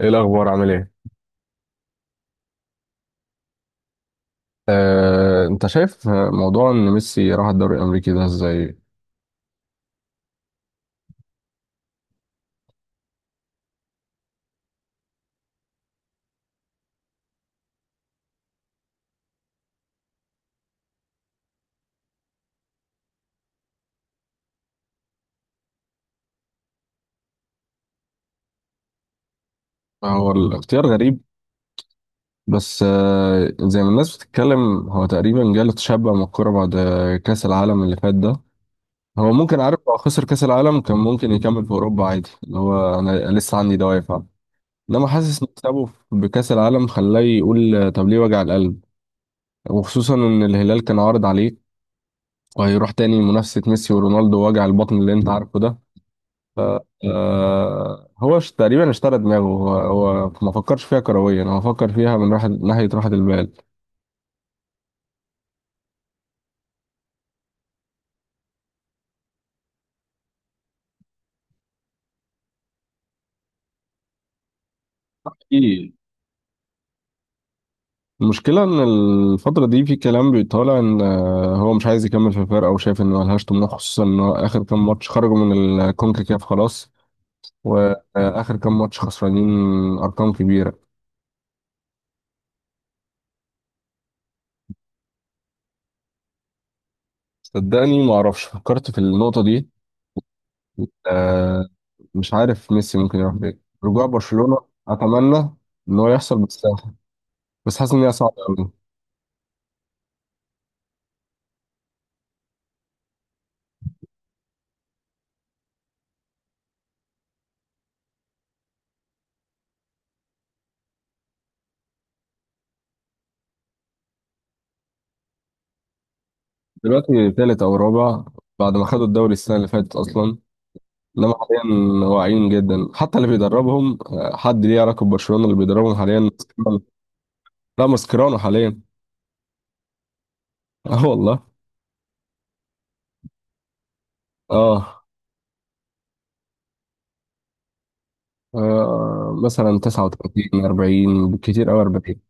ايه الاخبار عامل ايه؟ انت شايف موضوع ان ميسي راح الدوري الامريكي ده ازاي؟ هو الاختيار غريب، بس زي ما الناس بتتكلم هو تقريبا جاله تشبع من الكوره بعد كاس العالم اللي فات ده. هو ممكن عارف لو خسر كأس العالم كان ممكن يكمل في أوروبا عادي، اللي هو أنا لسه عندي دوافع. إنما حاسس إن مكسبه بكأس العالم خلاه يقول طب ليه وجع القلب، وخصوصا إن الهلال كان عارض عليه، وهيروح تاني منافسة ميسي ورونالدو وجع البطن اللي أنت عارفه ده. ف آه، هو تقريبا اشترى دماغه، هو ما فكرش فيها كرويا، هو فكر فيها من راحة ناحية راحة البال. المشكلة إن الفترة دي في كلام بيطالع إن هو مش عايز يكمل في الفرقة وشايف إن ملهاش طموح، خصوصا إن هو آخر كام ماتش خرجوا من الكونكاكاف خلاص، وآخر كام ماتش خسرانين أرقام كبيرة. صدقني معرفش، فكرت في النقطة دي. آه، مش عارف ميسي ممكن يروح فين، رجوع برشلونة أتمنى إن هو يحصل بالساحة، بس حاسس إن هي صعبة أوي. دلوقتي تالت أو رابع بعد ما خدوا الدوري السنة اللي فاتت أصلا. انما حاليا واعيين جدا، حتى اللي بيدربهم حد ليه علاقه ببرشلونه، اللي بيدربهم حاليا ماسكيرانو. لا، ماسكيرانو حاليا. اه والله. اه. مثلا 39 40 بالكتير قوي 40.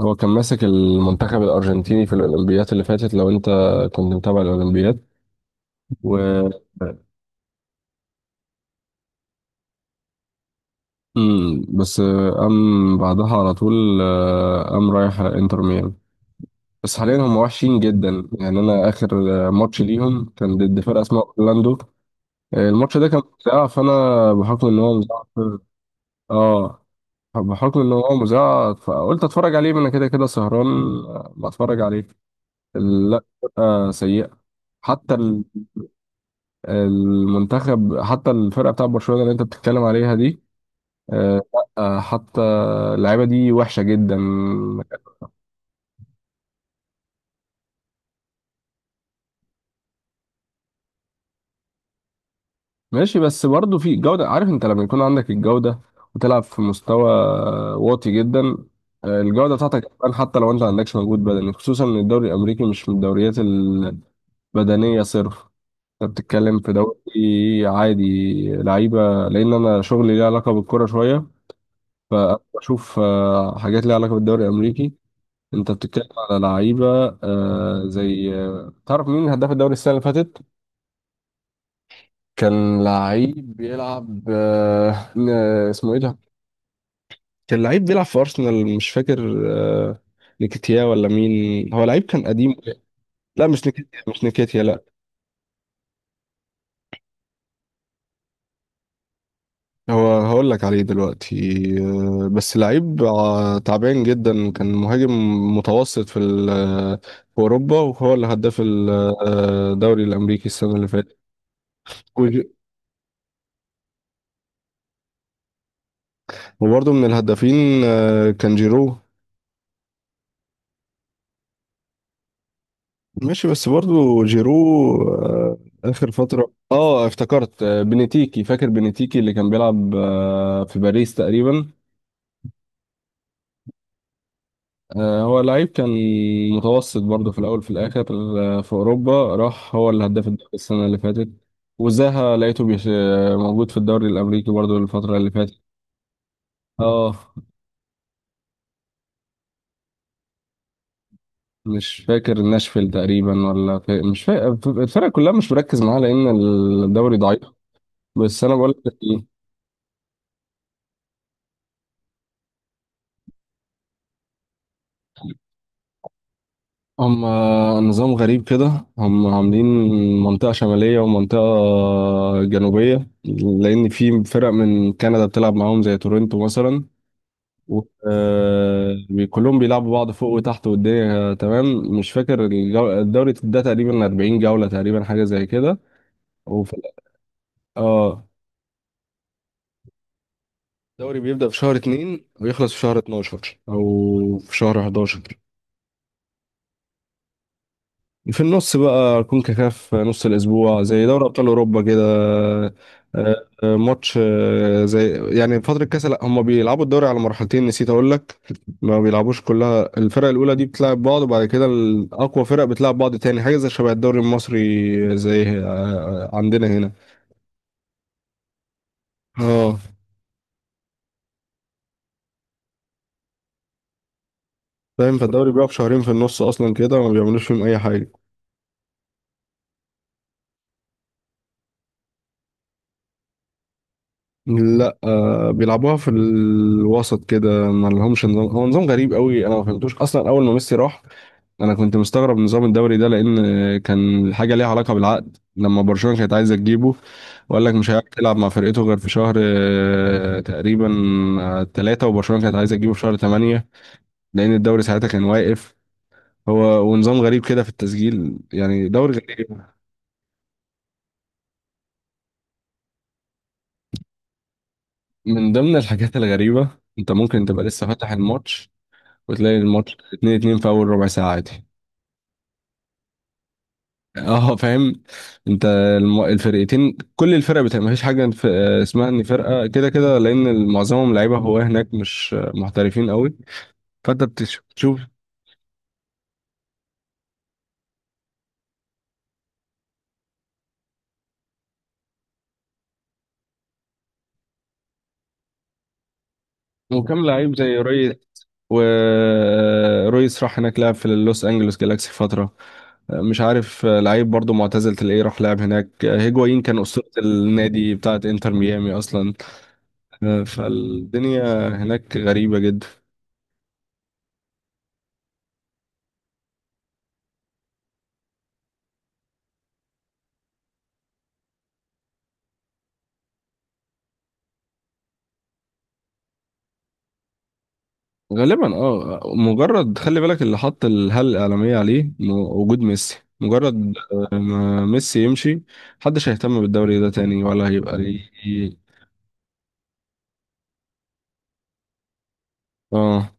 هو كان ماسك المنتخب الارجنتيني في الاولمبيات اللي فاتت، لو انت كنت متابع الاولمبيات. و آه، بس قام بعدها على طول، قام رايح انتر ميامي. بس حاليا هم وحشين جدا. يعني انا اخر ماتش ليهم كان ضد فرقه اسمها اورلاندو. الماتش ده كان مذاع، فانا بحكم ان هو اه، بحكم ان هو مذاع فقلت اتفرج عليه، ما انا كده كده سهران. بتفرج عليه. لا، سيئه. حتى ال- المنتخب، حتى الفرقه بتاع برشلونه اللي انت بتتكلم عليها دي، آه لا آه، حتى اللعيبه دي وحشه جدا. ماشي، بس برضه في جودة. عارف انت لما يكون عندك الجودة وتلعب في مستوى واطي جدا، الجودة بتاعتك هتبان حتى لو انت ما عندكش مجهود بدني، خصوصا ان الدوري الامريكي مش من الدوريات البدنية صرف. انت بتتكلم في دوري عادي، لعيبة. لان انا شغلي ليه علاقة بالكرة شوية، فبشوف حاجات ليها علاقة بالدوري الامريكي. انت بتتكلم على لعيبة زي تعرف مين هداف الدوري السنة اللي فاتت؟ كان لعيب بيلعب اسمه ايه ده؟ كان لعيب بيلعب في أرسنال، مش فاكر. آه، نيكيتيا ولا مين، هو لعيب كان قديم. لا، مش نيكيتيا لا. هو هقول لك عليه دلوقتي. بس لعيب تعبان جدا، كان مهاجم متوسط في ال- آه، في أوروبا، وهو اللي هداف الدوري الأمريكي السنة اللي فاتت. وج- وبرضه من الهدافين كان جيرو. ماشي، بس برضو جيرو آه، آخر فترة. اه افتكرت، بنتيكي، فاكر بنتيكي اللي كان بيلعب في باريس تقريبا. هو لعيب كان متوسط برضه في الاول، في الاخر في اوروبا، راح هو اللي هداف الدوري السنه اللي فاتت. وزاها لقيته بيش آه، موجود في الدوري الامريكي برضه الفتره اللي فاتت. اه. مش فاكر ناشفيل تقريبا، مش فاكر الفرق كلها، مش مركز معاها لان الدوري ضعيف. بس انا بقول لك هم نظام غريب كده هم عاملين، منطقة شمالية ومنطقة جنوبية، لأن في فرق من كندا بتلعب معاهم زي تورنتو مثلا. كلهم بيلعبوا بعض فوق وتحت والدنيا تمام. مش فاكر، الدوري ده تقريبا 40 جولة تقريبا، حاجة زي كده. وفي ال- اه، الدوري بيبدأ في شهر 2 ويخلص في شهر 12 أو في شهر 11. في النص بقى كونكاكاف نص الأسبوع زي دوري أبطال أوروبا كده. آه، ماتش زي يعني فترة كاس. لا، هم بيلعبوا الدوري على مرحلتين، نسيت أقول لك. ما بيلعبوش كلها الفرق الأولى دي بتلعب بعض، وبعد كده الأقوى فرق بتلعب بعض تاني، حاجة زي شبه الدوري المصري زي عندنا هنا. اه فاهم، فالدوري بيقف شهرين في النص أصلا كده، ما بيعملوش فيهم أي حاجة. لا بيلعبوها في الوسط كده، ما لهمش نظام، هو نظام غريب قوي. انا ما فهمتوش اصلا اول ما ميسي راح، انا كنت مستغرب نظام الدوري ده، لان كان حاجه ليها علاقه بالعقد لما برشلونه كانت عايزه تجيبه، وقال لك مش هيعرف يلعب مع فرقته غير في شهر تقريبا ثلاثة، وبرشلونه كانت عايزه تجيبه في شهر ثمانية لان الدوري ساعتها كان واقف. هو ونظام غريب كده في التسجيل، يعني دوري غريب. من ضمن الحاجات الغريبه، انت ممكن تبقى لسه فاتح الماتش وتلاقي الماتش 2-2 في اول ربع ساعه عادي. اه فاهم. انت الفرقتين، كل الفرق بتبقى مفيش حاجه في اسمها ان فرقه كده كده، لان معظمهم لعيبه هو هناك مش محترفين قوي، فانت بتشوف. وكم لعيب زي ريس ورويس راح هناك لعب في لوس انجلوس جالاكسي فتره. مش عارف لعيب برضو معتزل تلاقيه راح لعب هناك. هيجوايين كان اسطوره النادي بتاعت انتر ميامي اصلا. فالدنيا هناك غريبه جدا. غالبا اه، مجرد خلي بالك اللي حط الهالة الإعلامية عليه وجود ميسي مجرد ما ميسي يمشي محدش هيهتم بالدوري ده تاني ولا هيبقى ليه. اه.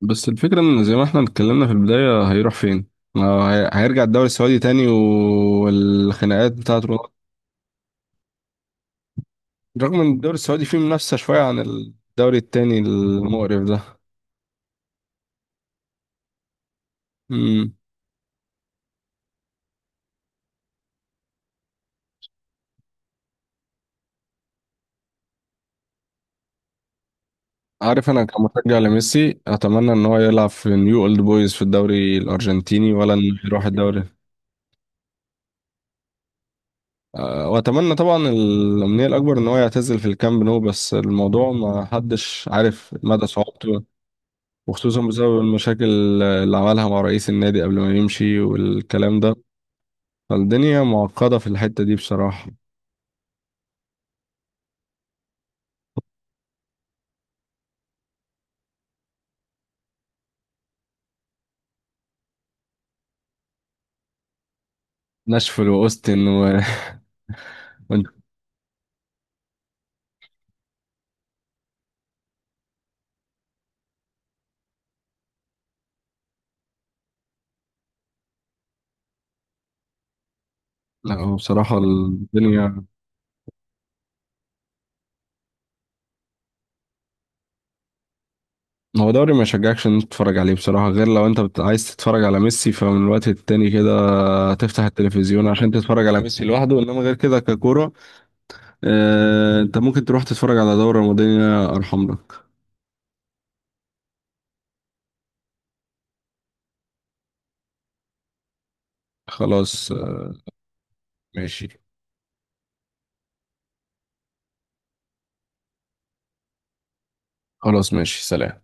بس الفكرة ان زي ما احنا اتكلمنا في البداية، هيروح فين؟ ما هي- هيرجع الدوري السعودي تاني والخناقات بتاعته، رغم ان الدوري السعودي فيه منافسة شوية عن الدوري التاني المقرف ده. عارف انا كمشجع لميسي اتمنى ان هو يلعب في نيو اولد بويز في الدوري الارجنتيني، ولا انه يروح الدوري. أه، واتمنى طبعا الامنيه الاكبر ان هو يعتزل في الكامب نو، بس الموضوع ما حدش عارف مدى صعوبته، وخصوصا بسبب المشاكل اللي عملها مع رئيس النادي قبل ما يمشي والكلام ده. فالدنيا معقده في الحته دي بصراحه. ناشفيل واوستن لا، هو بصراحه الدنيا، هو دوري ما يشجعكش ان انت تتفرج عليه بصراحة، غير لو انت عايز تتفرج على ميسي، فمن الوقت التاني كده تفتح التلفزيون عشان تتفرج على ميسي لوحده، انما غير كده ككورة انت ممكن تروح تتفرج على دوري رمضاني ارحم لك. خلاص ماشي. خلاص ماشي، سلام.